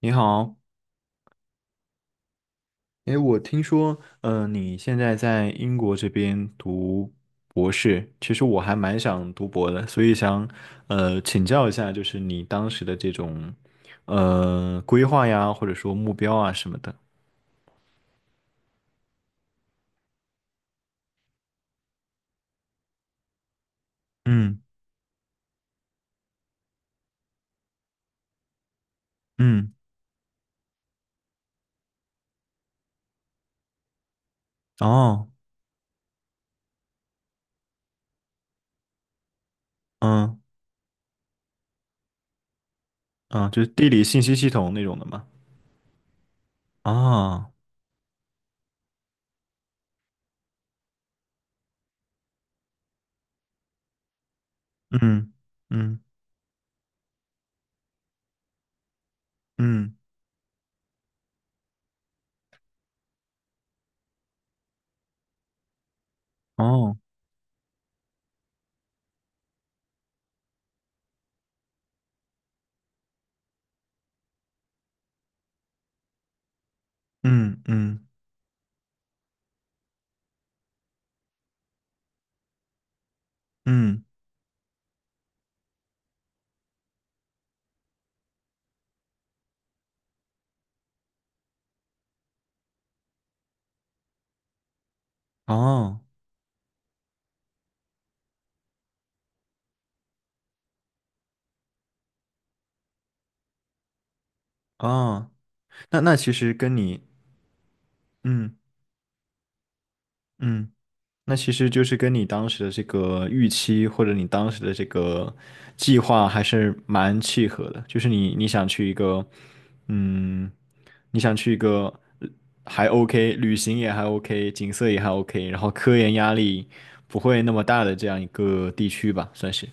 你好，哎，我听说，你现在在英国这边读博士，其实我还蛮想读博的，所以想，请教一下，就是你当时的这种，规划呀，或者说目标啊什么的。嗯嗯。哦。嗯嗯。就是地理信息系统那种的嘛。哦。嗯嗯嗯。哦。嗯嗯嗯。哦哦。那其实跟你，嗯嗯。那其实就是跟你当时的这个预期或者你当时的这个计划还是蛮契合的，就是你你想去一个，嗯，你想去一个呃还 OK，旅行也还 OK,景色也还 OK，然后科研压力不会那么大的这样一个地区吧，算是。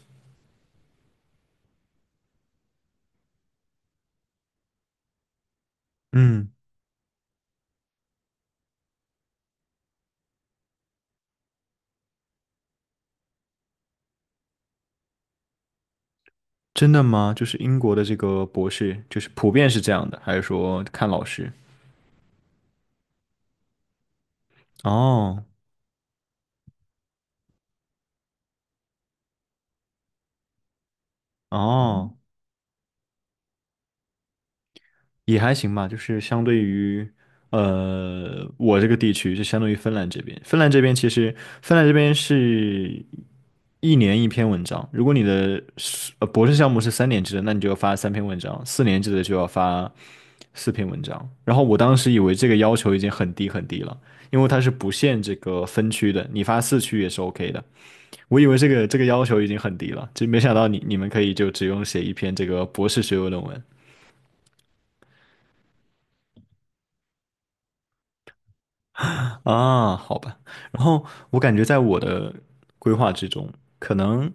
嗯。真的吗？就是英国的这个博士，就是普遍是这样的，还是说看老师？哦哦。也还行吧，就是相对于，我这个地区，就相当于芬兰这边。芬兰这边其实，芬兰这边是一年一篇文章。如果你的是呃博士项目是3年制的，那你就要发3篇文章；4年制的就要发4篇文章。然后我当时以为这个要求已经很低很低了，因为它是不限这个分区的，你发4区也是 OK 的。我以为这个要求已经很低了，就没想到你们可以就只用写一篇这个博士学位论文。啊，好吧。然后我感觉在我的规划之中，可能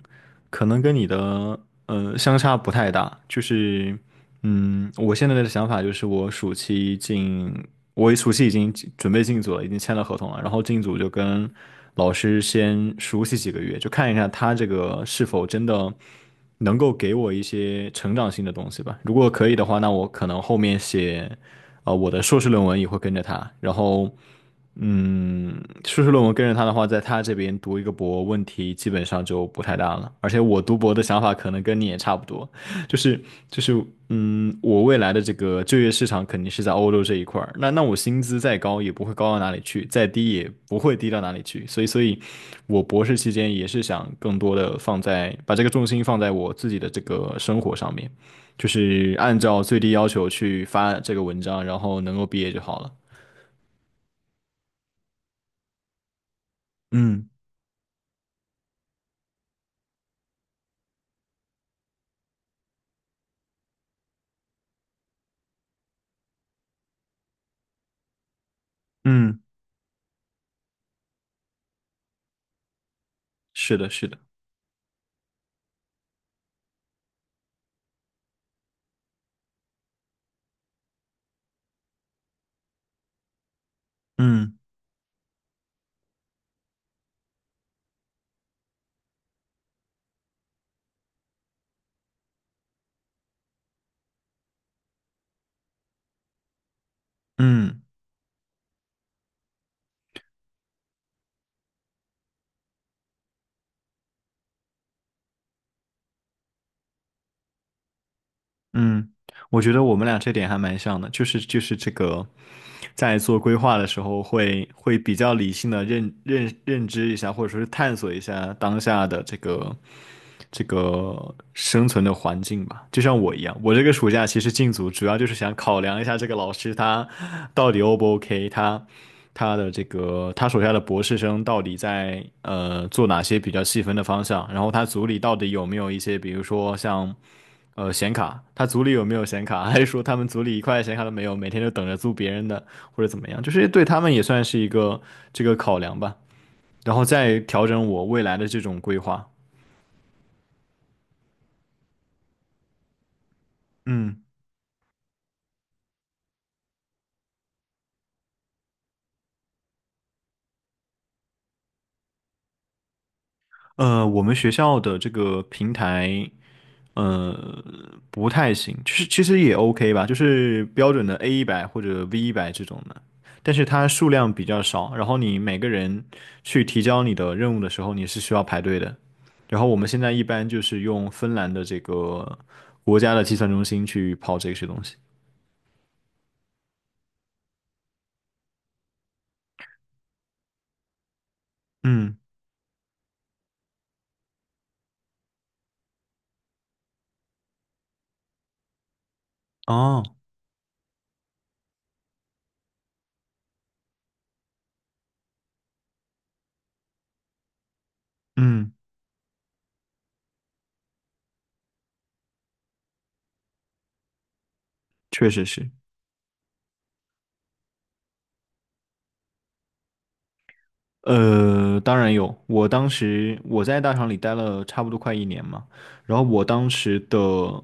可能跟你的相差不太大。就是我现在的想法就是我一暑期已经准备进组了，已经签了合同了。然后进组就跟老师先熟悉几个月，就看一下他这个是否真的能够给我一些成长性的东西吧。如果可以的话，那我可能后面我的硕士论文也会跟着他。然后，嗯，硕士论文跟着他的话，在他这边读一个博，问题基本上就不太大了。而且我读博的想法可能跟你也差不多，就是就是我未来的这个就业市场肯定是在欧洲这一块儿。那我薪资再高也不会高到哪里去，再低也不会低到哪里去。所以，我博士期间也是想更多的放在把这个重心放在我自己的这个生活上面，就是按照最低要求去发这个文章，然后能够毕业就好了。嗯嗯。是的，是的。嗯嗯。嗯，我觉得我们俩这点还蛮像的，就是这个，在做规划的时候会比较理性的认知一下，或者说是探索一下当下的这个生存的环境吧。就像我一样，我这个暑假其实进组主要就是想考量一下这个老师他到底 O 不 OK，他的这个他手下的博士生到底在做哪些比较细分的方向，然后他组里到底有没有一些比如说像。显卡，他组里有没有显卡？还是说他们组里一块显卡都没有，每天就等着租别人的，或者怎么样？就是对他们也算是一个这个考量吧，然后再调整我未来的这种规划。嗯。我们学校的这个平台，呃。不太行，就是其实也 OK 吧，就是标准的 A100或者 V100这种的，但是它数量比较少，然后你每个人去提交你的任务的时候，你是需要排队的。然后我们现在一般就是用芬兰的这个国家的计算中心去跑这些东西。嗯。哦。嗯。确实是。当然有。我当时我在大厂里待了差不多快一年嘛，然后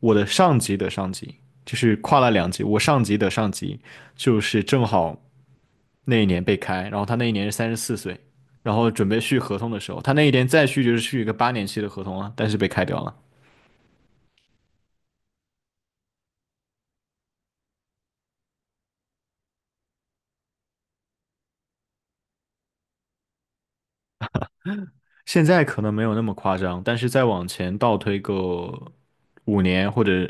我的上级的上级就是跨了两级，我上级的上级就是正好那一年被开，然后他那一年是34岁，然后准备续合同的时候，他那一年再续就是续一个8年期的合同啊，但是被开掉了。现在可能没有那么夸张，但是再往前倒推个5年或者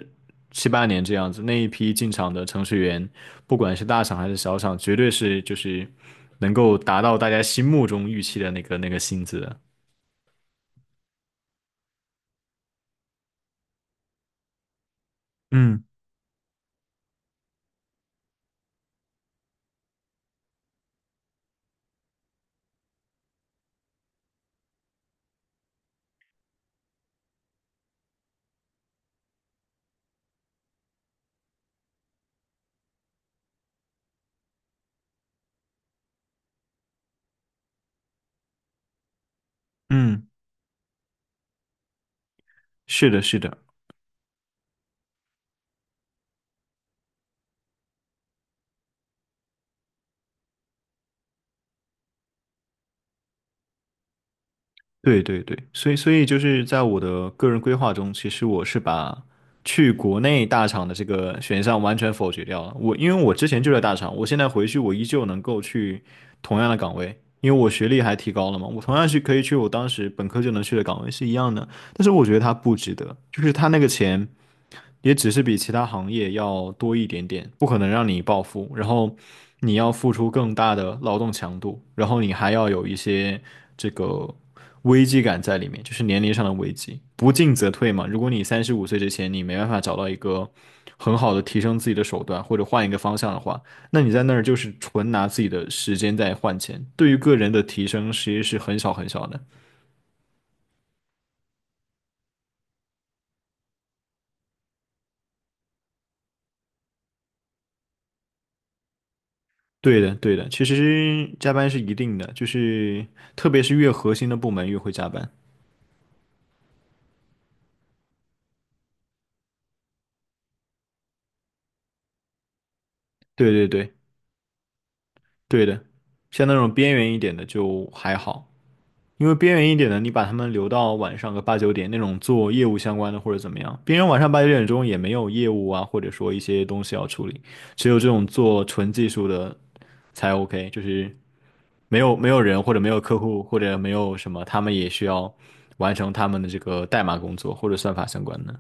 七八年这样子，那一批进厂的程序员，不管是大厂还是小厂，绝对是就是能够达到大家心目中预期的那个薪资的。嗯嗯，是的，是的。对对对。所以就是在我的个人规划中，其实我是把去国内大厂的这个选项完全否决掉了。我因为我之前就在大厂，我现在回去我依旧能够去同样的岗位，因为我学历还提高了嘛，我同样是可以去我当时本科就能去的岗位是一样的。但是我觉得它不值得，就是它那个钱。也只是比其他行业要多一点点，不可能让你暴富，然后你要付出更大的劳动强度，然后你还要有一些这个危机感在里面，就是年龄上的危机，不进则退嘛。如果你35岁之前你没办法找到一个很好的提升自己的手段，或者换一个方向的话，那你在那儿就是纯拿自己的时间在换钱，对于个人的提升其实是很少很少的。对的，对的，其实加班是一定的，就是特别是越核心的部门越会加班。对对对，对的，像那种边缘一点的就还好，因为边缘一点的，你把他们留到晚上个八九点，那种做业务相关的或者怎么样，别人晚上8、9点钟也没有业务啊，或者说一些东西要处理，只有这种做纯技术的才 OK，就是没有人或者没有客户或者没有什么，他们也需要完成他们的这个代码工作或者算法相关的。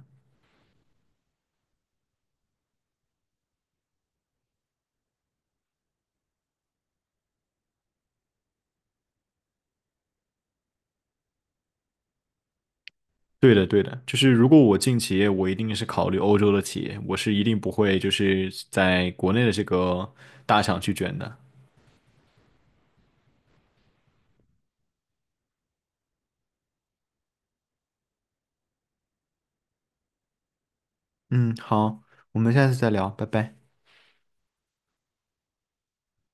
对的，对的，就是如果我进企业，我一定是考虑欧洲的企业，我是一定不会就是在国内的这个大厂去卷的。嗯，好，我们下次再聊，拜拜。